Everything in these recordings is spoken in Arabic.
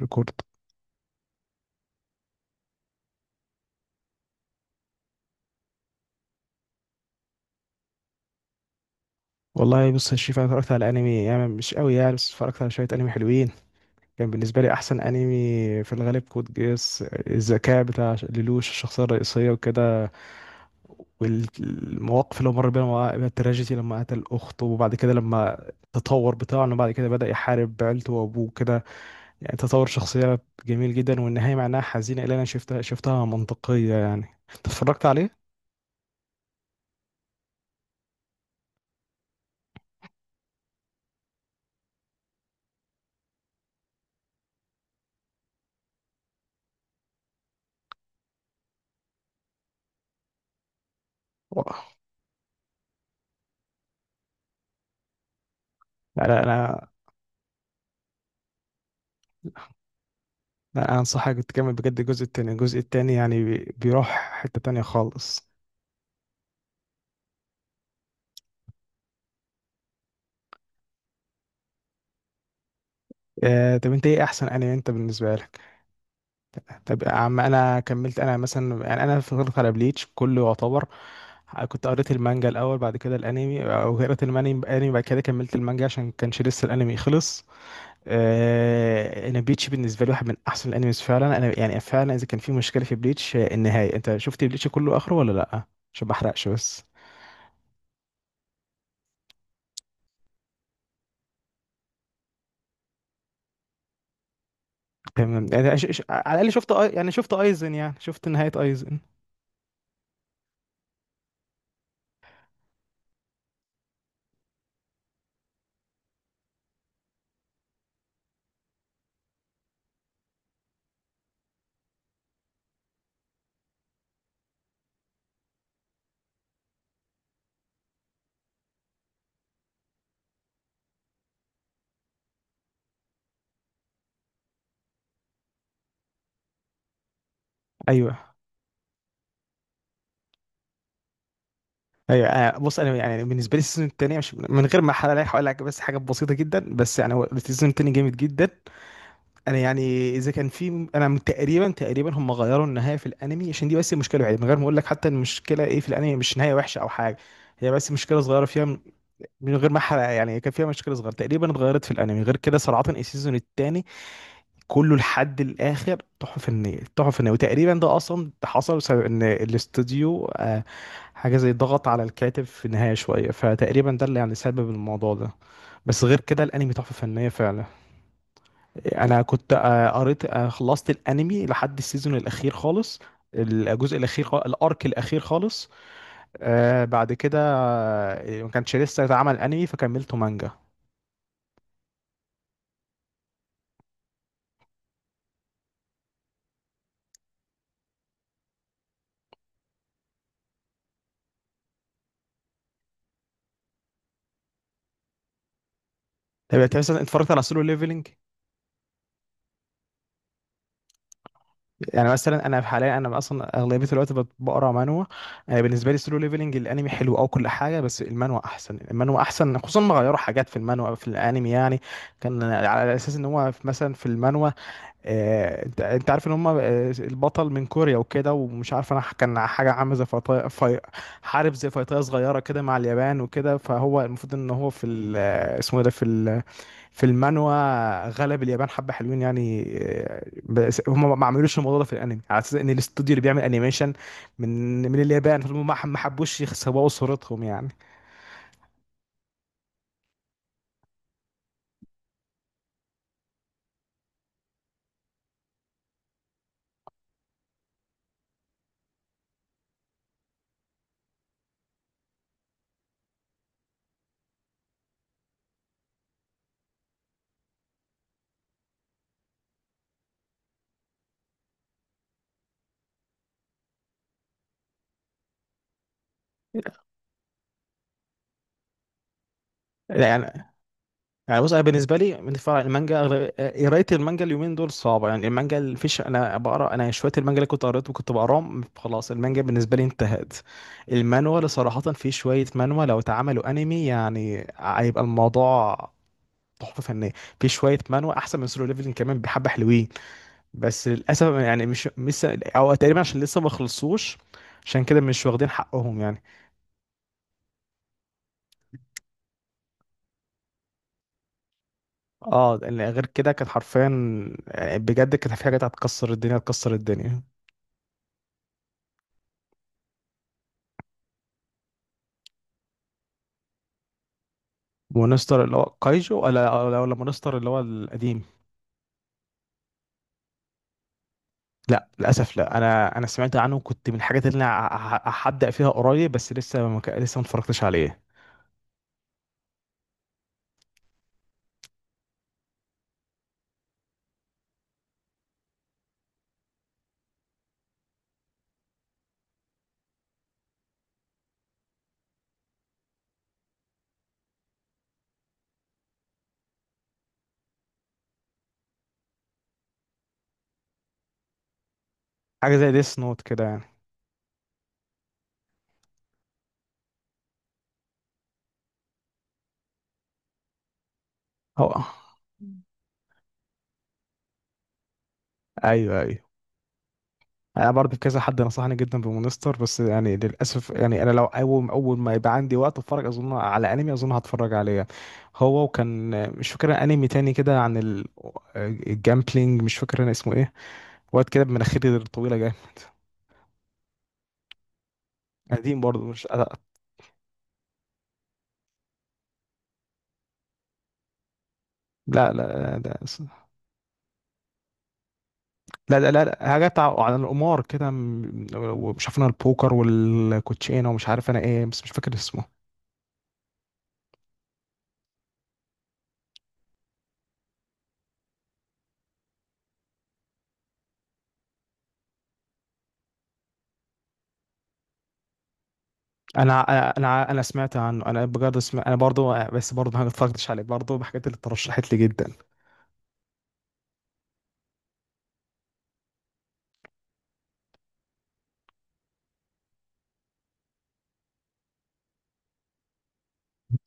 ريكورد. والله، بص يا شريف، انا اتفرجت على انمي يعني مش قوي يعني، بس اتفرجت على شويه انمي حلوين. كان بالنسبه لي احسن انمي في الغالب كود جيس، الذكاء بتاع ليلوش الشخصيه الرئيسيه وكده. والمواقف اللي هو مر بيها بيها التراجيدي، لما قتل اخته وبعد كده لما التطور بتاعه انه بعد كده بدأ يحارب عيلته وابوه كده. يعني تطور شخصيه جميل جدا، والنهايه معناها حزينه، اللي انا شفتها منطقيه يعني. أنت اتفرجت عليه؟ لا، لا، انا لا انصحك، تكمل بجد الجزء التاني يعني بيروح حتة تانية خالص. آه، طب انت ايه احسن انمي انت بالنسبة لك؟ طب يا عم، انا كملت انا مثلا يعني انا فضلت على بليتش كله يعتبر. كنت قريت المانجا الاول، بعد كده الانمي، او قريت الانمي، بعد كده كملت المانجا عشان كانش لسه الانمي خلص. آه، انا بليتش بالنسبة لي واحد من احسن الانميز فعلا، انا يعني فعلا اذا كان في مشكلة في بليتش. النهاية، انت شفت بليتش كله اخره ولا لا؟ عشان ما احرقش بس. تمام، يعني على الاقل شفت يعني شفت ايزن، يعني شفت نهايه ايزن. ايوه، ايوه. بص، انا يعني بالنسبه لي السيزون الثاني، مش من غير ما احرق عليك هقول لك بس حاجه بسيطه جدا، بس يعني هو السيزون الثاني جامد جدا. انا يعني اذا كان في، انا من تقريبا تقريبا هم غيروا النهايه في الانمي، عشان دي بس المشكله الوحيده. من غير ما اقول لك حتى المشكله ايه في الانمي، مش نهايه وحشه او حاجه. هي بس مشكله صغيره فيها، من غير ما احرق، يعني كان فيها مشكله صغيره تقريبا اتغيرت في الانمي. غير كده صراحه السيزون الثاني كله لحد الاخر تحفه فنيه، تحفه فنيه. وتقريبا ده اصلا ده حصل بسبب ان الاستوديو حاجه زي ضغط على الكاتب في النهايه شويه، فتقريبا ده اللي يعني سبب الموضوع ده. بس غير كده الانمي تحفه فنيه فعلا. انا كنت قريت خلصت الانمي لحد السيزون الاخير خالص، الجزء الاخير خالص، الارك الاخير خالص. بعد كده ما كانش لسه اتعمل انمي فكملته مانجا. طب انت مثلا اتفرجت على سولو ليفلنج؟ يعني مثلا انا في حاليا، انا اصلا اغلبيه الوقت بقرا مانوا. انا بالنسبه لي سولو ليفلنج الانمي حلو او كل حاجه، بس المانوا احسن، المانوا احسن، خصوصا ما غيروا حاجات في المانوا في الانمي يعني. كان على اساس ان هو مثلا في المانوا، انت عارف ان هم، البطل من كوريا وكده، ومش عارف انا كان حاجه عامله زي فيطايه في، حارب زي فيطايه صغيره كده مع اليابان وكده، فهو المفروض ان هو في اسمه إيه ده في المانوا غلب اليابان حبة حلوين يعني. بس هم ما عملوش الموضوع ده في الانمي، على اساس ان الاستوديو اللي بيعمل انيميشن من اليابان، فهم ما حبوش يسوقوا صورتهم يعني. لا، يعني بص، انا بالنسبه لي من فرع المانجا، قرايه المانجا اليومين دول صعبه، يعني المانجا اللي فيش انا بقرا انا شويه، المانجا اللي كنت قريته وكنت بقراهم خلاص، المانجا بالنسبه لي انتهت. المانوا اللي صراحه، في شويه مانوا لو اتعملوا انمي يعني هيبقى الموضوع تحفه فنيه. في شويه مانوا احسن من سولو ليفلنج كمان، بحبه حلوين. بس للاسف يعني مش لسه، او تقريبا عشان لسه ما خلصوش، عشان كده مش واخدين حقهم يعني. اه، لأن غير كده كانت حرفيا، بجد كانت في حاجات هتكسر الدنيا، هتكسر الدنيا. مونستر اللي هو كايجو، ولا مونستر اللي هو القديم؟ لا، للاسف لا، انا سمعت عنه، كنت من الحاجات اللي انا هبدا فيها قريب، بس لسه ما اتفرجتش عليه. حاجه زي ديس نوت كده يعني. هو ايوه، ايوه. انا برضه كذا حد نصحني جدا بمونستر، بس يعني للاسف يعني انا لو اول ما يبقى عندي وقت اتفرج اظن على انمي، اظن هتفرج عليه هو. وكان مش فاكر انمي تاني كده عن الجامبلينج، مش فاكر انا اسمه ايه، واد كده بمناخير الطويله جاي، قديم برضه. مش، لا. لا، لا، لا، لا، لا، لا، لا، حاجه بتاع عن القمار كده، ومش عارف انا البوكر والكوتشينه ومش عارف انا ايه، بس مش فاكر اسمه. انا انا انا أنا سمعت عنه، انا بجد سمعت، انا برضو، بس برضو ما اتفرجتش عليه، برضو بحاجات اللي اترشحت لي جدا.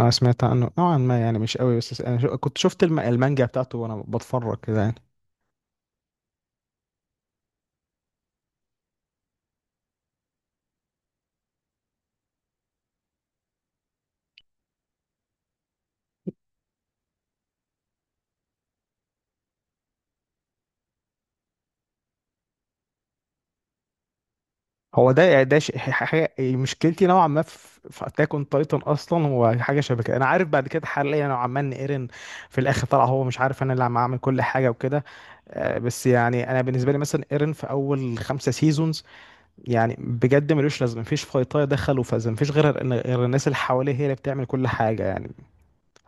انا سمعت عنه نوعا ما، يعني مش قوي، بس انا كنت شفت المانجا بتاعته وانا بتفرج كده يعني. هو ده حاجه مشكلتي نوعا ما في اتاك اون تايتن. اصلا هو حاجه شبه كده، انا عارف بعد كده حاليا نوعا ما ان ايرين في الاخر طلع هو مش عارف انا اللي عم اعمل كل حاجه وكده. بس يعني انا بالنسبه لي مثلا ايرين في اول خمسه سيزونز يعني بجد ملوش لازمه، مفيش فايطايه دخلوا فاز، مفيش غير الناس اللي حواليه هي اللي بتعمل كل حاجه يعني.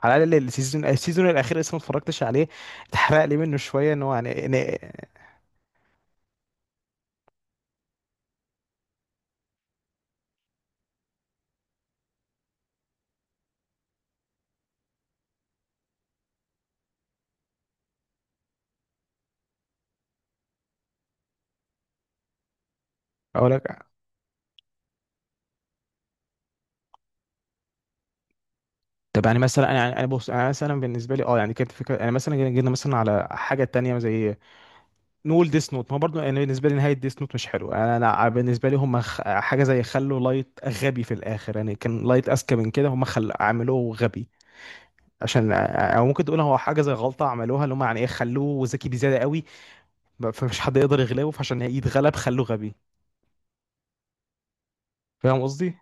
على الاقل السيزون الاخير لسه ما اتفرجتش عليه، اتحرق لي منه شويه ان هو اقول لك. طب يعني مثلا انا يعني انا بص، انا مثلا بالنسبه لي اه يعني كانت فكره، يعني مثلا جينا مثلا على حاجه تانية زي نقول ديس نوت ما برضه، يعني بالنسبه لي نهايه ديس نوت مش حلو، أنا بالنسبه لي هم حاجه زي خلوا لايت غبي في الاخر، يعني كان لايت اذكى من كده، هم خل عملوه غبي عشان او ممكن تقول هو حاجه زي غلطه عملوها، اللي هم يعني ايه، خلوه ذكي بزياده قوي فمش حد يقدر يغلبه، فعشان يتغلب خلوه غبي. فاهم قصدي؟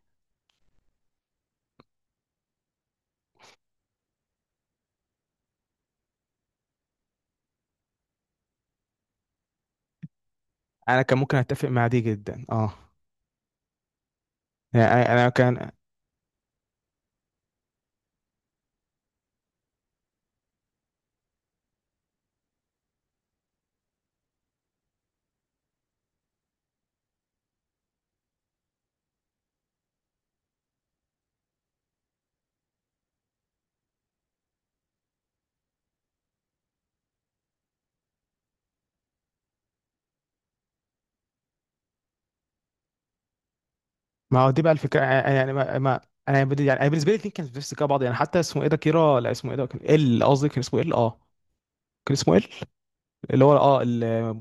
انا كان ممكن اتفق مع دي جدا، اه. يعني انا كان، ما هو دي بقى الفكره، يعني ما انا بدي يعني أنا بالنسبه لي الاثنين كانوا في نفس السكه بعض، يعني حتى اسمه ايه ده كيرا، لا اسمه ايه ده كان ال، قصدي كان اسمه ال، اه، كان اسمه ال، اللي هو اه، اللي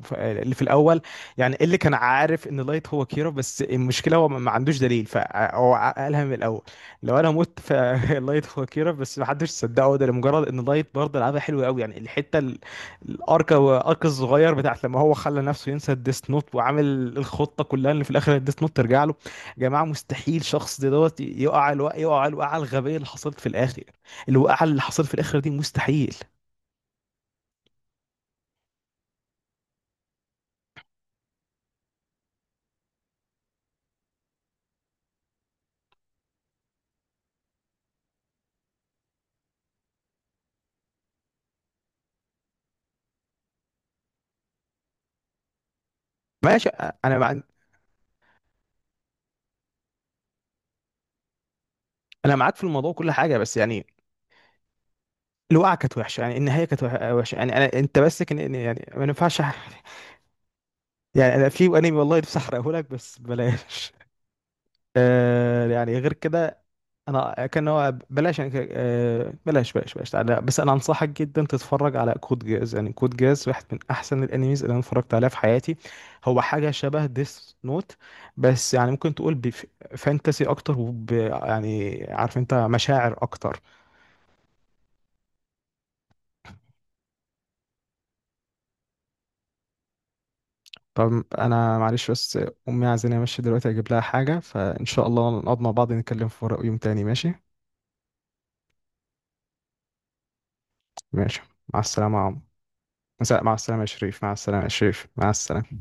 اللي في الاول. يعني إيه اللي كان عارف ان لايت هو كيرا، بس المشكله هو ما عندوش دليل، فهو قالها من الاول، لو انا مت فلايت هو كيرا. بس ما حدش صدقه ده لمجرد ان لايت برضه لعبها حلوه قوي، يعني الحته الارك الصغير بتاعت لما هو خلى نفسه ينسى الديس نوت وعامل الخطه كلها ان في الاخر الديس نوت ترجع له. يا جماعه مستحيل شخص زي دوت يقع الوقع، يقع الوقعه الغبيه اللي حصلت في الاخر. الوقعه اللي حصلت في الاخر دي مستحيل. ماشي. انا ما، انا معاك في الموضوع كل حاجه، بس يعني الوقعه كانت وحشه يعني، النهايه كانت وحشه يعني، انا انت بس كان يعني ما ينفعش يعني انا في انمي والله نفسي احرقه لك، بس بلاش. يعني غير كده، انا كان هو بلاش يعني بلاش، بلاش، بلاش، تعالى بس انا انصحك جدا تتفرج على كود جاز، يعني كود جاز واحد من احسن الانميز اللي انا اتفرجت عليها في حياتي. هو حاجه شبه ديس نوت، بس يعني ممكن تقول بفانتسي اكتر وب يعني عارف انت مشاعر اكتر. طب انا معلش بس، امي عايزاني امشي دلوقتي اجيب لها حاجه، فان شاء الله نقعد مع بعض نتكلم في ورق يوم تاني، ماشي؟ ماشي. مع السلامه يا عم. مساء. مع السلامه يا شريف، مع السلامه يا شريف، مع السلامه.